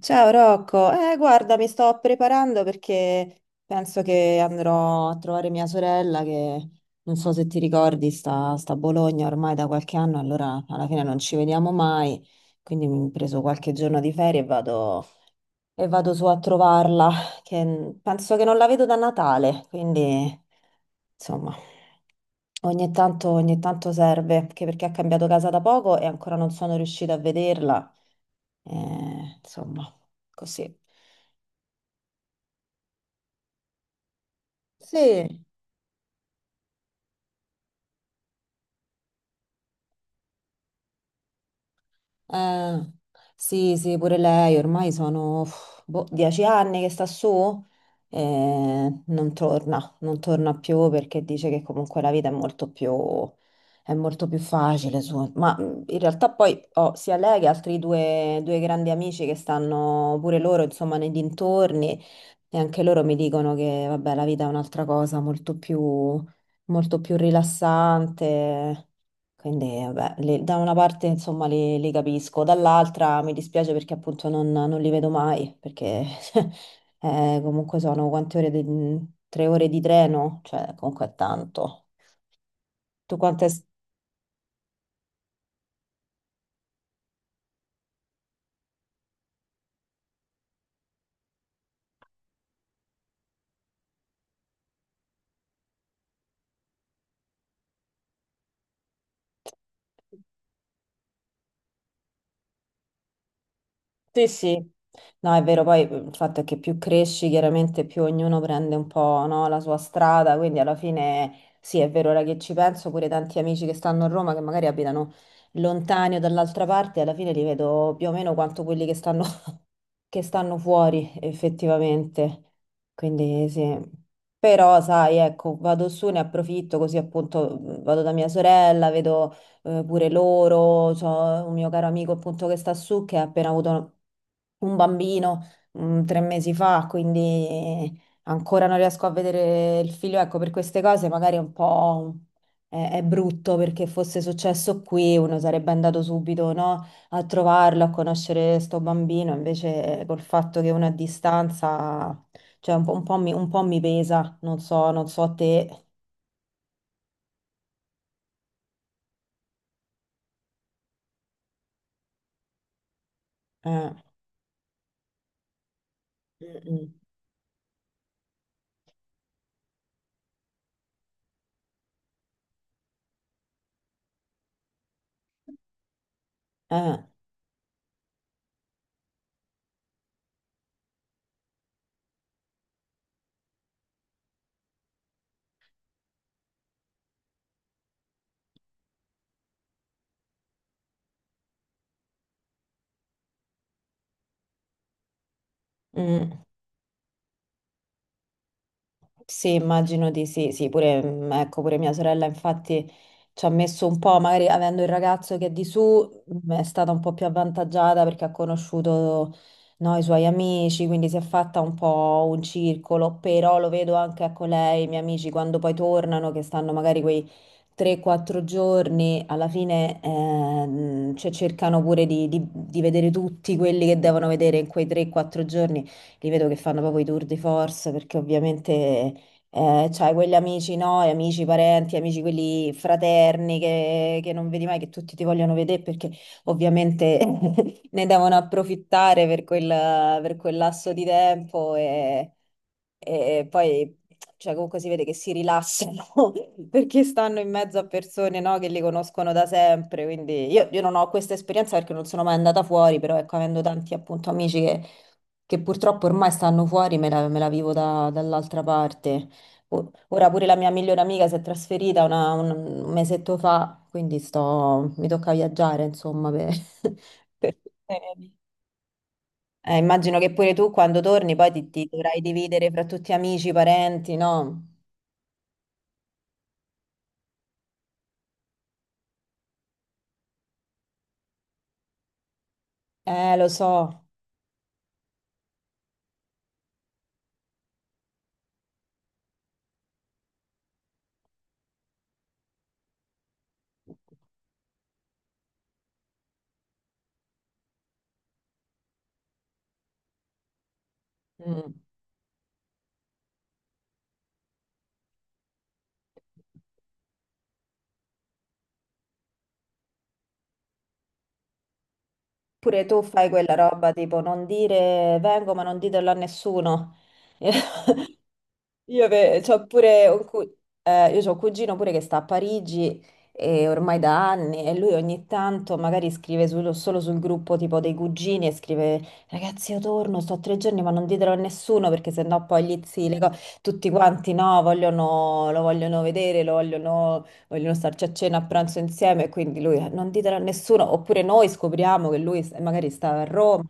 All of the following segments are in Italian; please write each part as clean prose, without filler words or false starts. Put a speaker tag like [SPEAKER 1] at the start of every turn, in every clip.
[SPEAKER 1] Ciao Rocco, guarda, mi sto preparando perché penso che andrò a trovare mia sorella che non so se ti ricordi, sta a Bologna ormai da qualche anno. Allora alla fine non ci vediamo mai, quindi mi ho preso qualche giorno di ferie e vado su a trovarla, che penso che non la vedo da Natale, quindi insomma ogni tanto serve, anche perché ha cambiato casa da poco e ancora non sono riuscita a vederla, insomma così. Sì, eh, sì, sì, pure lei, ormai sono boh, 10 anni che sta su e non torna, non torna più perché dice che comunque la vita è molto più facile su. Ma in realtà poi ho sia lei che altri due grandi amici che stanno pure loro, insomma, nei dintorni e anche loro mi dicono che, vabbè, la vita è un'altra cosa molto più rilassante. Quindi, vabbè, da una parte insomma li capisco, dall'altra mi dispiace perché appunto non li vedo mai, perché comunque sono quante ore di, 3 ore di treno, cioè comunque è tanto. Tu quante... Sì, sì, no, è vero, poi il fatto è che più cresci, chiaramente più ognuno prende un po', no, la sua strada, quindi alla fine sì, è vero, ora che ci penso, pure tanti amici che stanno a Roma, che magari abitano lontani o dall'altra parte, alla fine li vedo più o meno quanto quelli che stanno fuori effettivamente. Quindi sì. Però, sai, ecco, vado su, ne approfitto così appunto vado da mia sorella, vedo pure loro, c'ho un mio caro amico appunto che sta su che ha appena avuto un bambino 3 mesi fa, quindi ancora non riesco a vedere il figlio. Ecco, per queste cose magari è un po' è brutto perché fosse successo qui uno sarebbe andato subito, no? A trovarlo, a conoscere sto bambino, invece col fatto che uno è a distanza, cioè un po' mi pesa, non so, non so te. Eh, mm, mm, mm. Sì, immagino di sì, sì, pure, mm, ecco, pure mia sorella infatti ci ha messo un po', magari avendo il ragazzo che è di su, mm, è stata un po' più avvantaggiata perché ha conosciuto, no, i suoi amici, quindi si è fatta un po' un circolo, però lo vedo anche con lei, i miei amici, quando poi tornano, che stanno magari quei 3-4 giorni, alla fine cioè, cercano pure di vedere tutti quelli che devono vedere in quei 3-4 giorni, li vedo che fanno proprio i tour de force perché ovviamente... c'hai quegli amici, no? E amici, parenti, amici quelli fraterni che non vedi mai, che tutti ti vogliono vedere perché ovviamente ne devono approfittare per quel lasso di tempo e poi cioè, comunque si vede che si rilassano perché stanno in mezzo a persone, no? Che li conoscono da sempre. Quindi io non ho questa esperienza perché non sono mai andata fuori, però ecco, avendo tanti appunto amici che purtroppo ormai stanno fuori, me la vivo dall'altra parte. Ora pure la mia migliore amica si è trasferita un un mesetto fa, quindi sto, mi tocca viaggiare, insomma, per, per tutte le mie- immagino che pure tu quando torni poi ti dovrai dividere fra tutti amici, parenti, no? Lo so. Mm. Pure tu fai quella roba tipo non dire vengo ma non ditelo a nessuno. C'ho pure io c'ho un cugino pure che sta a Parigi e ormai da anni e lui ogni tanto magari scrive solo sul gruppo tipo dei cugini e scrive ragazzi io torno, sto 3 giorni ma non ditelo a nessuno perché sennò poi gli zii, tutti quanti no, vogliono, lo vogliono vedere, lo vogliono, vogliono starci a cena, a pranzo insieme e quindi lui non ditelo a nessuno oppure noi scopriamo che lui magari stava a Roma.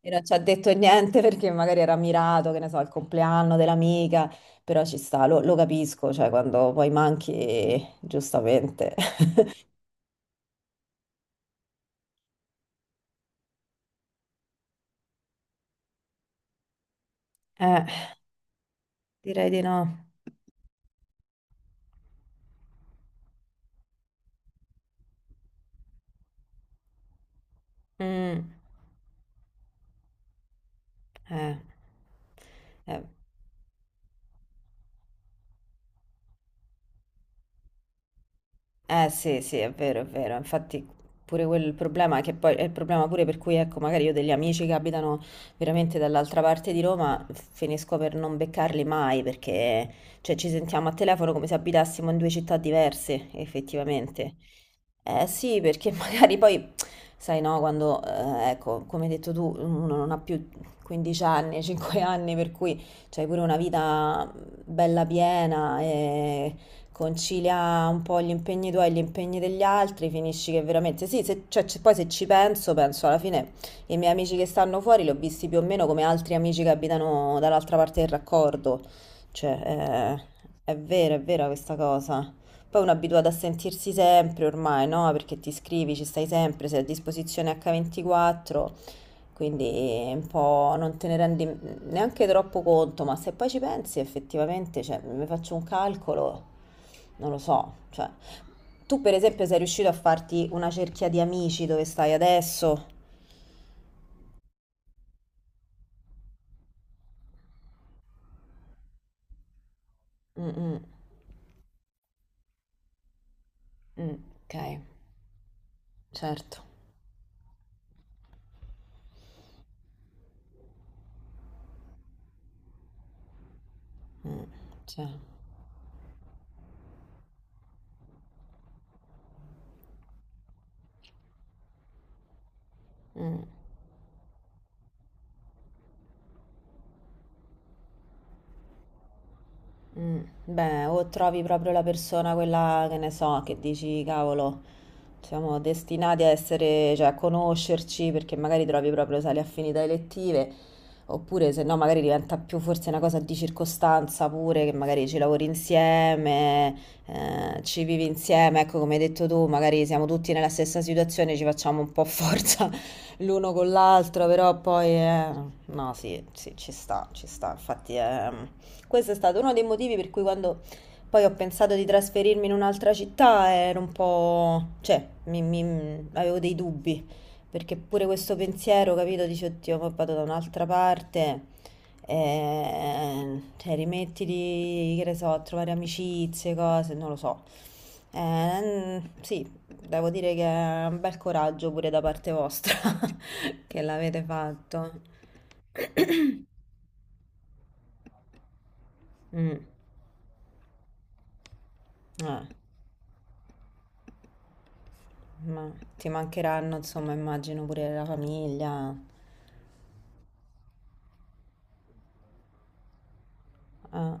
[SPEAKER 1] E non ci ha detto niente perché magari era mirato, che ne so, al compleanno dell'amica. Però ci sta, lo capisco, cioè quando poi manchi, giustamente. Eh, direi di no. Mm, eh. Eh, eh sì, sì, è vero, è vero. Infatti pure quel il problema che poi è il problema pure per cui ecco, magari io ho degli amici che abitano veramente dall'altra parte di Roma finisco per non beccarli mai perché cioè, ci sentiamo a telefono come se abitassimo in due città diverse, effettivamente. Eh sì, perché magari poi sai no, quando ecco, come hai detto tu, uno non ha più 15 anni, 5 anni, per cui c'hai pure una vita bella piena e concilia un po' gli impegni tuoi e gli impegni degli altri, finisci che veramente sì, se, cioè, poi se ci penso, penso alla fine i miei amici che stanno fuori li ho visti più o meno come altri amici che abitano dall'altra parte del raccordo, cioè è vero, è vera questa cosa. Poi uno è abituato a sentirsi sempre ormai, no? Perché ti scrivi, ci stai sempre, sei a disposizione H24. Quindi un po' non te ne rendi neanche troppo conto, ma se poi ci pensi effettivamente, cioè, mi faccio un calcolo, non lo so, cioè, tu per esempio sei riuscito a farti una cerchia di amici dove stai adesso? Mm, mm, mm, ok, certo. Mm, cioè, mm. Mm, beh, o trovi proprio la persona, quella che ne so, che dici, cavolo, siamo destinati a essere, cioè a conoscerci perché magari trovi proprio sale affinità elettive, oppure se no magari diventa più forse una cosa di circostanza pure, che magari ci lavori insieme, ci vivi insieme, ecco come hai detto tu, magari siamo tutti nella stessa situazione, ci facciamo un po' forza l'uno con l'altro, però poi no, sì, sì, ci sta, infatti è questo è stato uno dei motivi per cui quando poi ho pensato di trasferirmi in un'altra città ero un po'... cioè, avevo dei dubbi, perché pure questo pensiero, capito, dici, oddio, ma vado da un'altra parte, cioè, rimettiti, che ne so, a trovare amicizie, cose, non lo so. Sì, devo dire che è un bel coraggio pure da parte vostra che l'avete fatto. Mm, eh. Ma ti mancheranno, insomma, immagino pure la famiglia. Ah,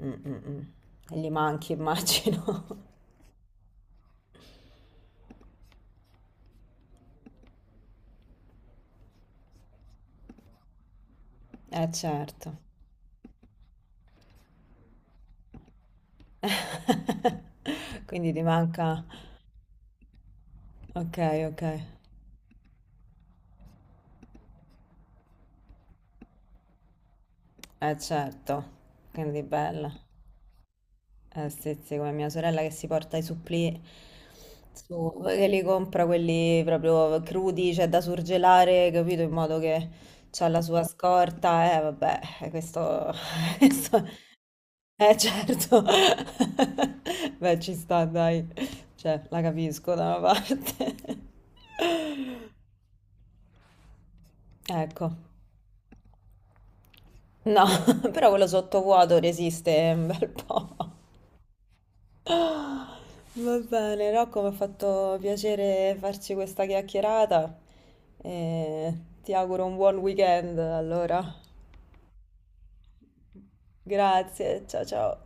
[SPEAKER 1] mm, mm, mm. E li manchi, immagino. Certo. Quindi ti manca... Ok, ok. Certo. Quindi bella. Sì, sì, come mia sorella che si porta i supplì... che li compra quelli proprio crudi, cioè da surgelare, capito? In modo che c'ha la sua scorta. Vabbè, questo... questo... Eh certo, beh ci sta dai, cioè la capisco da una parte. Ecco, no, però quello sottovuoto resiste un bel po'. Va bene, Rocco, mi ha fatto piacere farci questa chiacchierata e ti auguro un buon weekend allora. Grazie, ciao ciao.